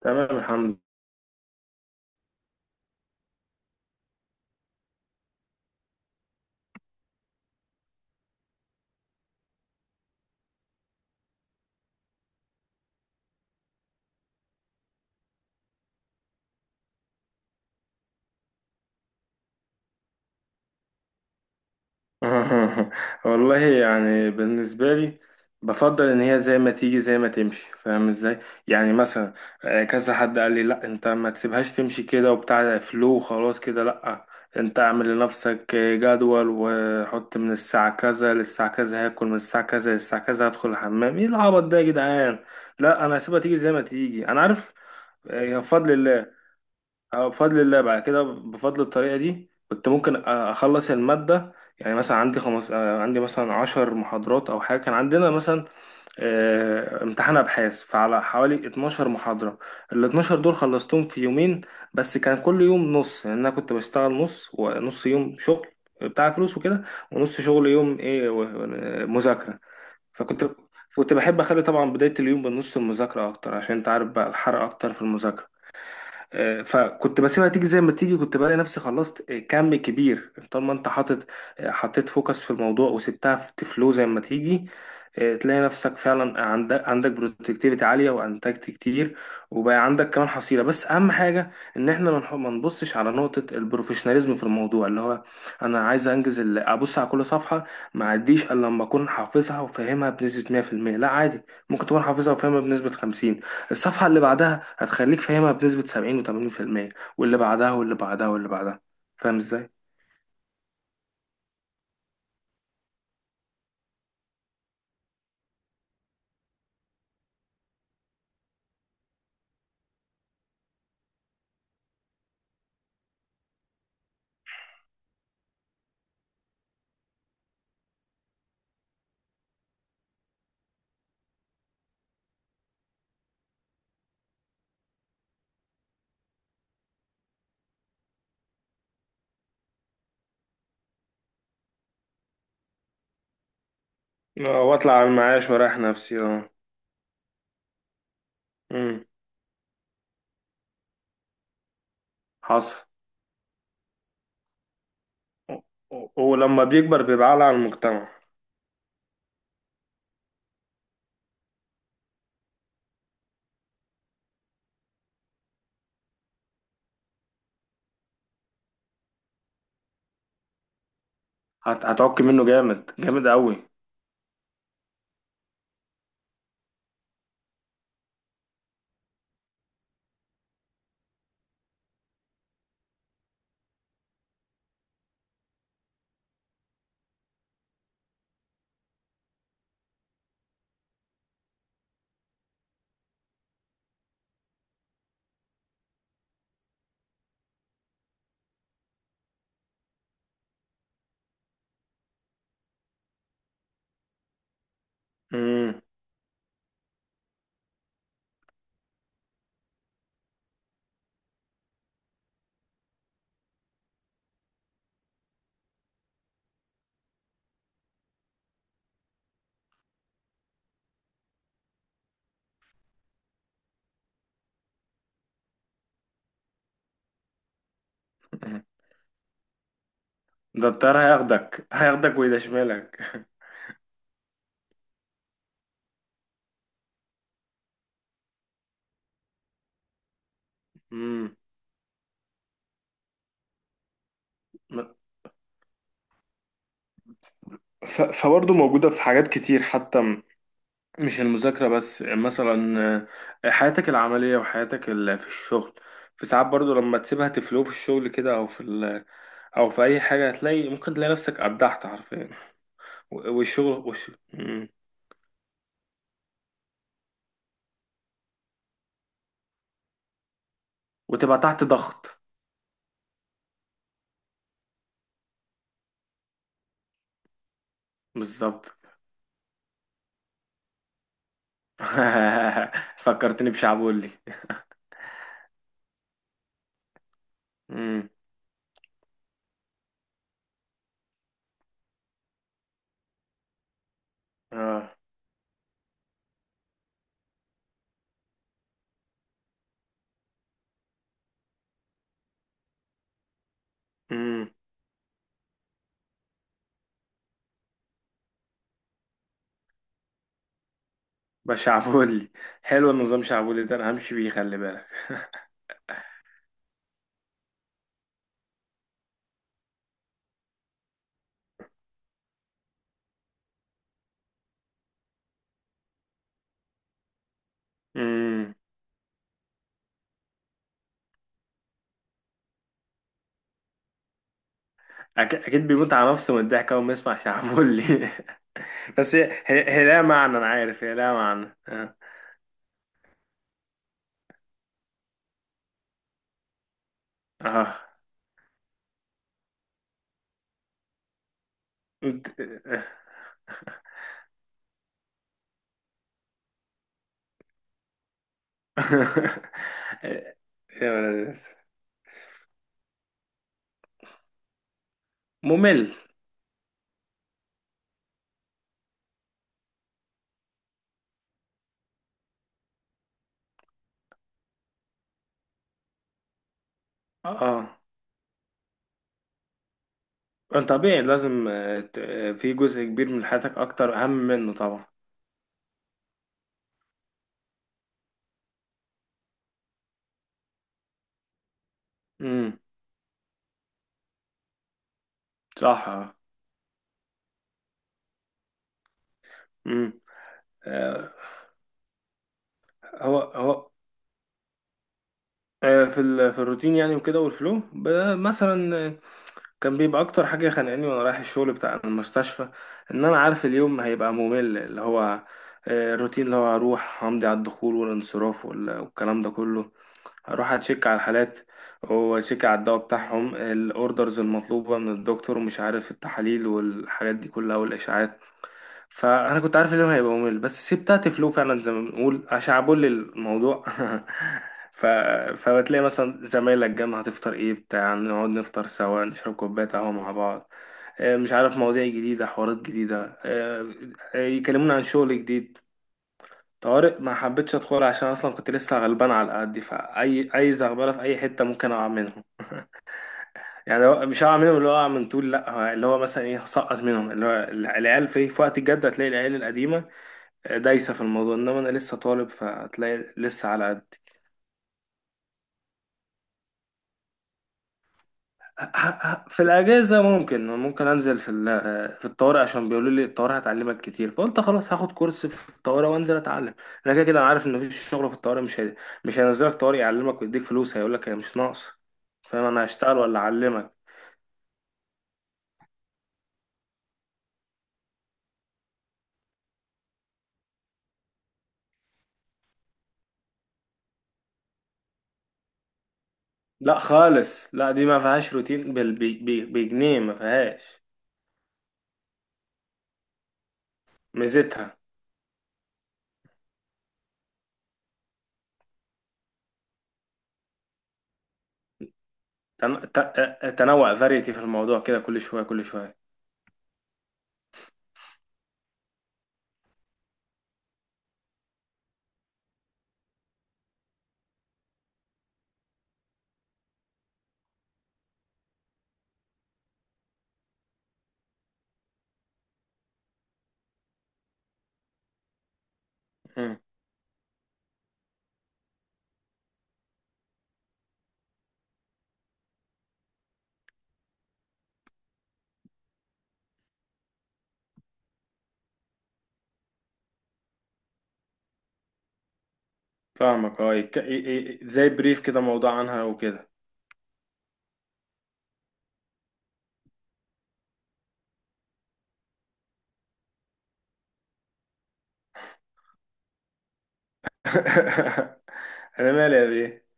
تمام، الحمد لله. والله يعني بالنسبة لي بفضل إن هي زي ما تيجي زي ما تمشي. فاهم إزاي؟ يعني مثلا، كذا حد قال لي لأ أنت ما تسيبهاش تمشي كده وبتاع فلو. خلاص كده لأ، أنت أعمل لنفسك جدول وحط من الساعة كذا للساعة كذا، هاكل من الساعة كذا للساعة كذا، هدخل الحمام. إيه العبط ده يا جدعان؟ لأ أنا هسيبها تيجي زي ما تيجي. أنا عارف يا بفضل الله. اه، بفضل الله بعد كده. بفضل الطريقة دي كنت ممكن أخلص المادة. يعني مثلا عندي خمس آه، عندي مثلا عشر محاضرات أو حاجة. كان عندنا مثلا امتحان أبحاث، فعلى حوالي 12 محاضرة. ال 12 دول خلصتهم في يومين. بس كان كل يوم نص، يعني أنا كنت بشتغل نص ونص. يوم شغل بتاع فلوس وكده، ونص شغل يوم إيه مذاكرة. فكنت كنت بحب أخلي طبعا بداية اليوم بنص المذاكرة أكتر، عشان أنت عارف بقى الحرق أكتر في المذاكرة. فكنت بسيبها تيجي زي ما تيجي. كنت بلاقي نفسي خلصت كم كبير، طالما انت حاطط. حطيت فوكس في الموضوع وسبتها في فلو زي ما تيجي، تلاقي نفسك فعلا عندك برودكتيفيتي عالية وانتجت كتير. وبقى عندك كمان حصيلة. بس اهم حاجة ان احنا ما نبصش على نقطة البروفيشناليزم في الموضوع، اللي هو انا عايز انجز ابص على كل صفحة، ما اعديش الا لما اكون حافظها وفاهمها بنسبة 100%. لا عادي، ممكن تكون حافظها وفاهمها بنسبة 50، الصفحة اللي بعدها هتخليك فاهمها بنسبة 70 و80%، واللي بعدها واللي بعدها واللي بعدها. فاهم ازاي؟ واطلع على المعاش واريح نفسي. اه. امم. حصل. و- ولما بيكبر بيبقى عالة على المجتمع. هتعك منه جامد جامد قوي. امم. ده الطيار هياخدك هياخدك ويدشملك. امم. فبرضه موجودة في حاجات كتير، حتى مش المذاكرة بس. يعني مثلا حياتك العملية وحياتك في الشغل. في ساعات برضو لما تسيبها تفلو في الشغل كده، أو في أو في أي حاجة هتلاقي، ممكن تلاقي نفسك أبدعت حرفيا. والشغل مم. وتبقى تحت ضغط. بالظبط. فكرتني بشعبولي. مم. اه. امم. بشعبولي. حلو النظام شعبولي ده، أنا همشي بيه خلي بالك. مم. أكيد بيموت على نفسه من الضحك أول ما يسمع شعبولي. بس هي لها معنى. انا عارف هي لها معنى. اه. اه. انت- يا ولد. ممل. اه. اه طبيعي لازم، في جزء كبير من حياتك اكتر اهم منه طبعا. امم. صح. اه. امم. آه، هو هو في في الروتين يعني، وكده والفلو مثلا، كان بيبقى اكتر حاجه خانقاني وانا رايح الشغل بتاع المستشفى. ان انا عارف اليوم هيبقى ممل، اللي هو الروتين، اللي هو هروح همضي على الدخول والانصراف والكلام ده كله. هروح اتشيك على الحالات، واتشيك على الدواء بتاعهم، الاوردرز المطلوبه من الدكتور ومش عارف التحاليل والحاجات دي كلها والاشعاعات. فانا كنت عارف ان هو هيبقى ممل، بس سبت تفلو فعلا زي ما بنقول عشان عبول الموضوع. ف... فبتلاقي مثلا زمايلك جنب، هتفطر ايه بتاع، نقعد نفطر سوا نشرب كوبايه قهوه مع بعض. مش عارف، مواضيع جديده حوارات جديده. يكلمونا عن شغل جديد. طوارئ ما حبيتش ادخل، عشان اصلا كنت لسه غلبان على قدي، فاي اي زغبله في اي حته ممكن اقع منهم. يعني هو- مش هقع منهم اللي هو اقع من طول، لا هو اللي هو مثلا ايه، هسقط منهم اللي هو، العيال في وقت الجد هتلاقي العيال القديمه دايسة في الموضوع، إنما أنا لسه طالب فهتلاقي لسه على قد. ه- في الأجازة ممكن أنزل في في الطوارئ، عشان بيقولوا لي الطوارئ هتعلمك كتير. فقلت خلاص هاخد كورس في الطوارئ وأنزل أتعلم. أنا كده كده أنا عارف إن مفيش شغل في الطوارئ. مش هينزلك طوارئ يعلمك ويديك فلوس. هيقولك هي مش ناقص؟ فاهم؟ أنا هشتغل ولا أعلمك؟ لا خالص، لا دي ما فيهاش روتين. بجنيه ما فيهاش. ميزتها تن... ت... تنوع، فاريتي في الموضوع كده، كل شوية كل شوية. فاهمك اه. زي بريف كده، موضوع عنها وكده. انا مالي يا بيه.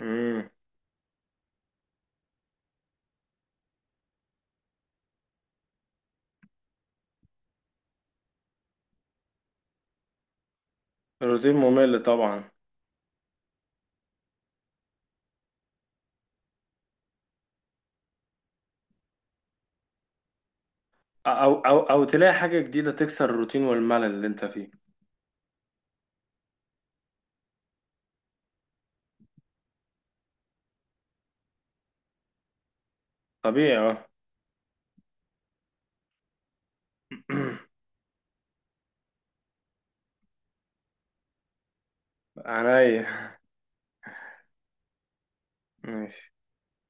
امم. الروتين ممل طبعا. او تلاقي حاجه جديده تكسر الروتين والملل اللي انت فيه. طبيعي اه. عينيا. ماشي.